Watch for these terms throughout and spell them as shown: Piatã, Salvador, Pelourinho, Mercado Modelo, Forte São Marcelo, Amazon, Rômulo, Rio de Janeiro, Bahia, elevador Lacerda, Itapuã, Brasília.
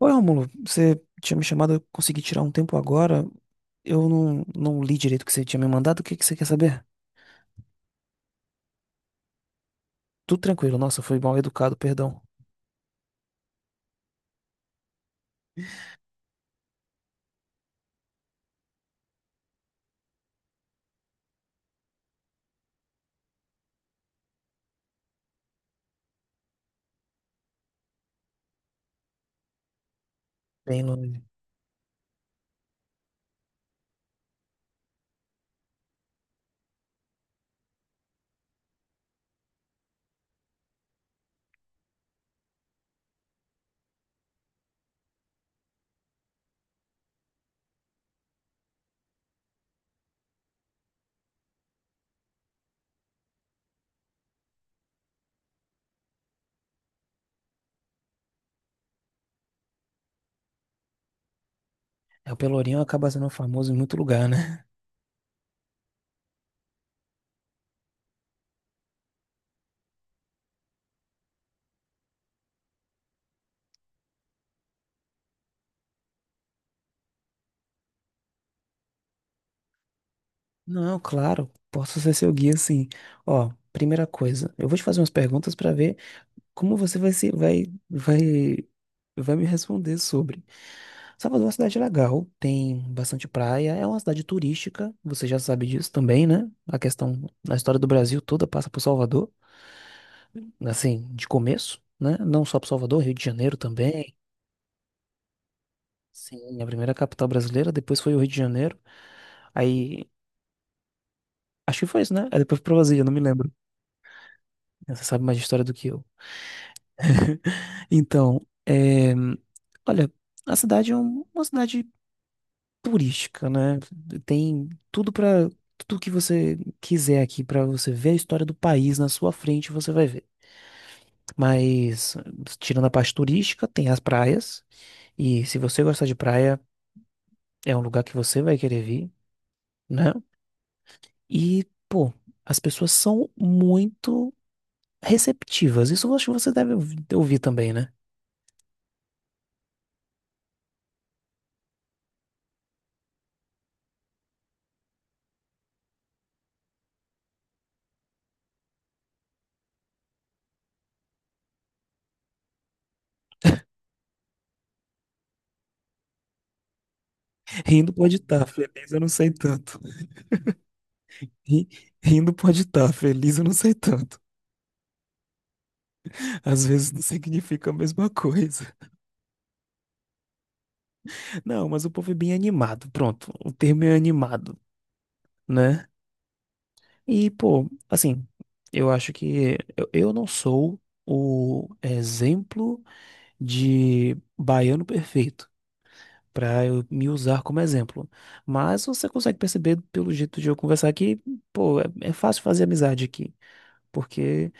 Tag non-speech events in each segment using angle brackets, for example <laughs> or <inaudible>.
Oi, Rômulo, você tinha me chamado, eu consegui tirar um tempo agora. Eu não li direito o que você tinha me mandado. O que que você quer saber? Tudo tranquilo. Nossa, eu fui mal educado, perdão. Bem longe. É, o Pelourinho acaba sendo famoso em muito lugar, né? <laughs> Não, claro. Posso ser seu guia, sim. Ó, primeira coisa, eu vou te fazer umas perguntas pra ver como você vai se vai vai vai me responder sobre? Salvador é uma cidade legal, tem bastante praia, é uma cidade turística, você já sabe disso também, né? A questão, a história do Brasil toda passa por Salvador, assim, de começo, né? Não só por Salvador, Rio de Janeiro também. Sim, a primeira capital brasileira, depois foi o Rio de Janeiro. Aí, acho que foi isso, né? Aí depois foi pra Brasília, não me lembro. Você sabe mais de história do que eu. <laughs> Então, é, olha, a cidade é uma cidade turística, né? Tem tudo para tudo que você quiser aqui para você ver a história do país na sua frente, você vai ver. Mas tirando a parte turística, tem as praias e se você gostar de praia, é um lugar que você vai querer vir, né? E, pô, as pessoas são muito receptivas. Isso eu acho que você deve ouvir também, né? Rindo pode estar, feliz eu não sei tanto. Ri- Rindo pode estar, feliz eu não sei tanto. Às vezes não significa a mesma coisa. Não, mas o povo é bem animado. Pronto, o termo é animado, né? E, pô, assim, eu acho que eu não sou o exemplo de baiano perfeito pra eu me usar como exemplo. Mas você consegue perceber pelo jeito de eu conversar que, pô, é fácil fazer amizade aqui. Porque,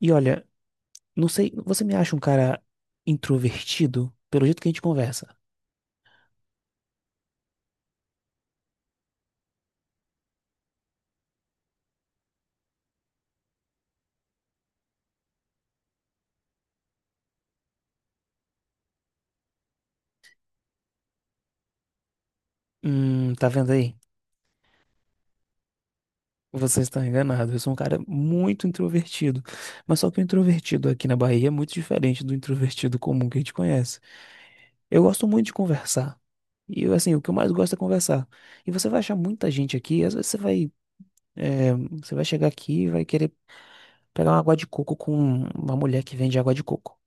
e olha, não sei, você me acha um cara introvertido pelo jeito que a gente conversa? Tá vendo aí? Você está enganado. Eu sou um cara muito introvertido. Mas só que o introvertido aqui na Bahia é muito diferente do introvertido comum que a gente conhece. Eu gosto muito de conversar. E eu, assim, o que eu mais gosto é conversar. E você vai achar muita gente aqui. Às vezes você vai, eh, você vai chegar aqui e vai querer pegar uma água de coco com uma mulher que vende água de coco.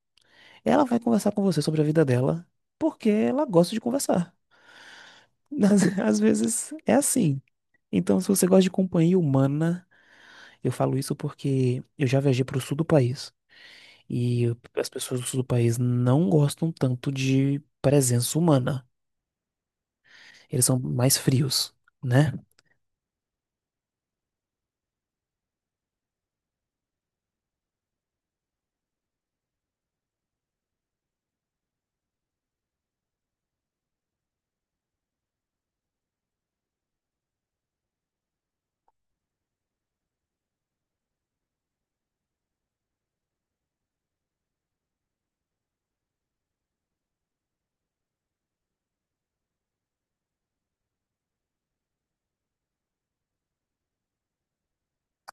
Ela vai conversar com você sobre a vida dela porque ela gosta de conversar. <laughs> Às vezes é assim. Então, se você gosta de companhia humana. Eu falo isso porque eu já viajei para o sul do país e as pessoas do sul do país não gostam tanto de presença humana. Eles são mais frios, né?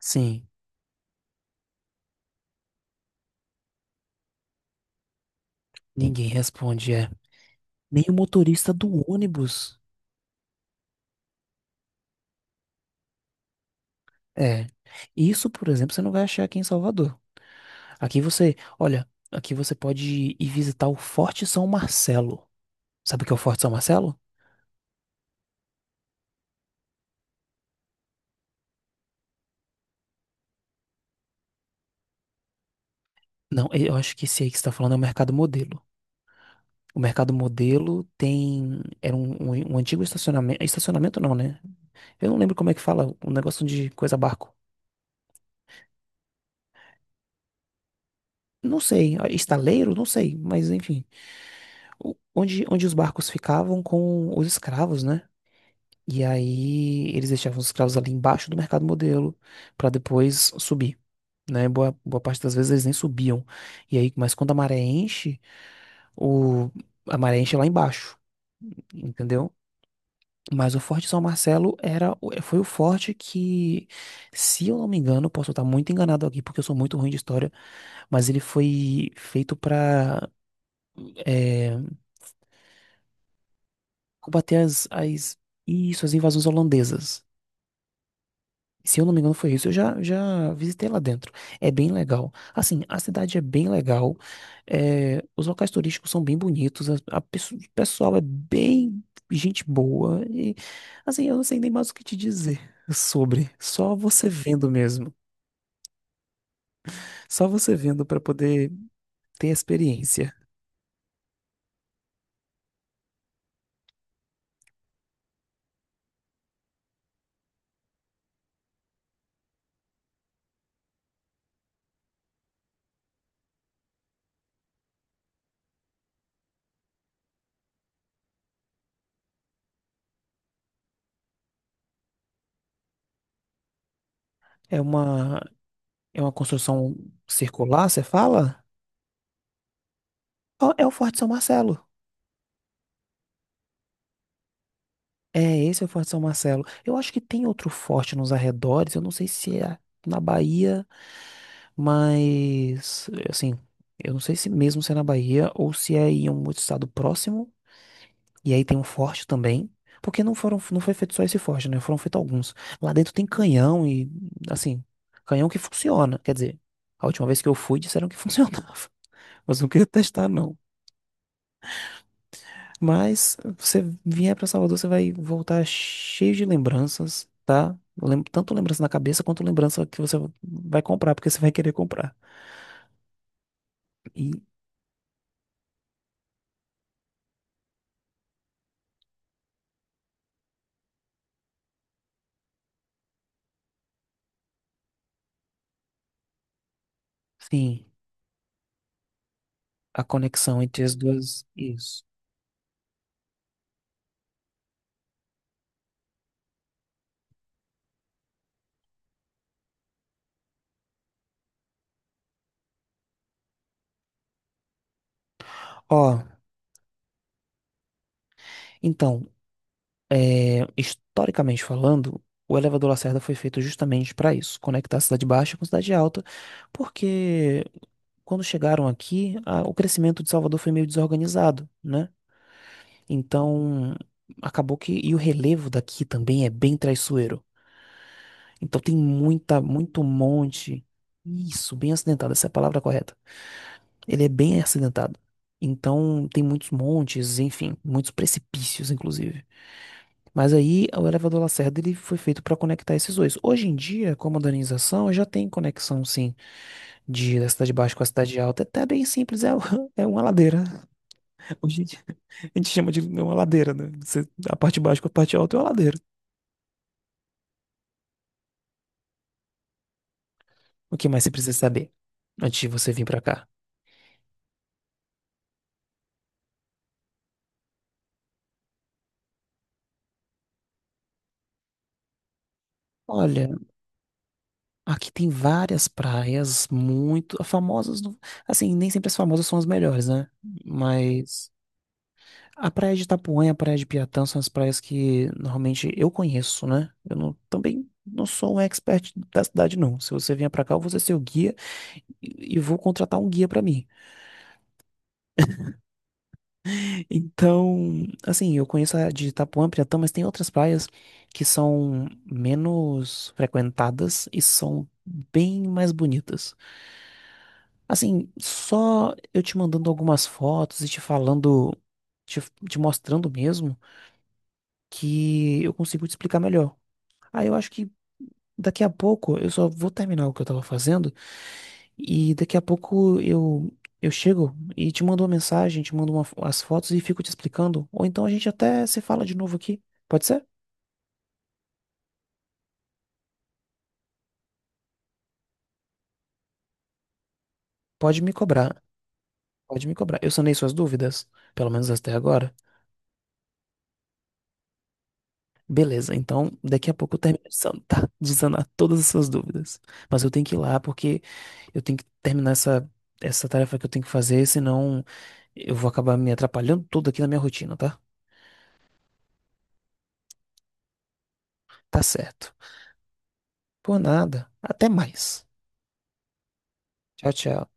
Sim, ninguém responde, é. Nem o motorista do ônibus. É. Isso, por exemplo, você não vai achar aqui em Salvador. Aqui você, olha, aqui você pode ir visitar o Forte São Marcelo. Sabe o que é o Forte São Marcelo? Não, eu acho que esse aí que você está falando é o Mercado Modelo. O Mercado Modelo tem. Era um antigo estacionamento. Estacionamento não, né? Eu não lembro como é que fala. Um negócio de coisa barco. Não sei. Ah, estaleiro? Não sei. Mas enfim. Onde os barcos ficavam com os escravos, né? E aí eles deixavam os escravos ali embaixo do Mercado Modelo para depois subir. Né? Boa parte das vezes eles nem subiam. E aí, mas quando a maré enche, o, a maré enche lá embaixo. Entendeu? Mas o Forte São Marcelo era, foi o forte que, se eu não me engano, posso estar muito enganado aqui, porque eu sou muito ruim de história, mas ele foi feito para combater isso, as invasões holandesas. Se eu não me engano, foi isso. Já visitei lá dentro. É bem legal. Assim, a cidade é bem legal. É, os locais turísticos são bem bonitos. O pessoal é bem gente boa. E, assim, eu não sei nem mais o que te dizer sobre. Só você vendo mesmo. Só você vendo para poder ter a experiência. É uma, é uma construção circular, você fala? Ó, é o Forte São Marcelo. É, esse é o Forte São Marcelo. Eu acho que tem outro forte nos arredores, eu não sei se é na Bahia, mas assim, eu não sei se mesmo se é na Bahia ou se é em um outro estado próximo. E aí tem um forte também, porque não foi feito só esse forte, né? Foram feitos alguns. Lá dentro tem canhão e assim, canhão que funciona, quer dizer, a última vez que eu fui disseram que funcionava, <laughs> mas não queria testar não. Mas você vier para Salvador, você vai voltar cheio de lembranças, tá? Tanto lembrança na cabeça quanto lembrança que você vai comprar, porque você vai querer comprar. E, sim, a conexão entre as duas. Isso. Ó, então, é, historicamente falando, o elevador Lacerda foi feito justamente para isso, conectar a cidade baixa com a cidade alta, porque quando chegaram aqui, o crescimento de Salvador foi meio desorganizado, né? Então, acabou que. E o relevo daqui também é bem traiçoeiro. Então, muito monte. Isso, bem acidentado, essa é a palavra correta. Ele é bem acidentado. Então, tem muitos montes, enfim, muitos precipícios, inclusive. Mas aí, o elevador Lacerda, ele foi feito para conectar esses dois. Hoje em dia, com a modernização, já tem conexão, sim, da cidade baixa com a cidade alta. É até bem simples, é, <laughs> é uma ladeira. Hoje <laughs> a gente chama de uma ladeira, né? Você- a parte baixa com a parte alta é uma ladeira. O que mais você precisa saber antes de você vir pra cá? Olha, aqui tem várias praias muito as famosas, assim, nem sempre as famosas são as melhores, né? Mas a praia de Itapuã e a praia de Piatã são as praias que normalmente eu conheço, né? Eu não, também não sou um expert da cidade, não. Se você vier pra cá, eu vou ser seu guia e vou contratar um guia pra mim. Então, assim, eu conheço a de Itapuã, Piratã, mas tem outras praias que são menos frequentadas e são bem mais bonitas. Assim, só eu te mandando algumas fotos e te falando, te, te mostrando mesmo, que eu consigo te explicar melhor. Aí eu acho que daqui a pouco eu só vou terminar o que eu tava fazendo. E daqui a pouco eu chego e te mando uma mensagem, te mando as fotos e fico te explicando. Ou então a gente até se fala de novo aqui. Pode ser? Pode me cobrar. Pode me cobrar. Eu sanei suas dúvidas, pelo menos até agora. Beleza, então daqui a pouco eu <laughs> tá, de sanar todas as suas dúvidas. Mas eu tenho que ir lá porque eu tenho que terminar essa tarefa que eu tenho que fazer, senão eu vou acabar me atrapalhando tudo aqui na minha rotina, tá? Tá certo. Por nada. Até mais. Tchau, tchau.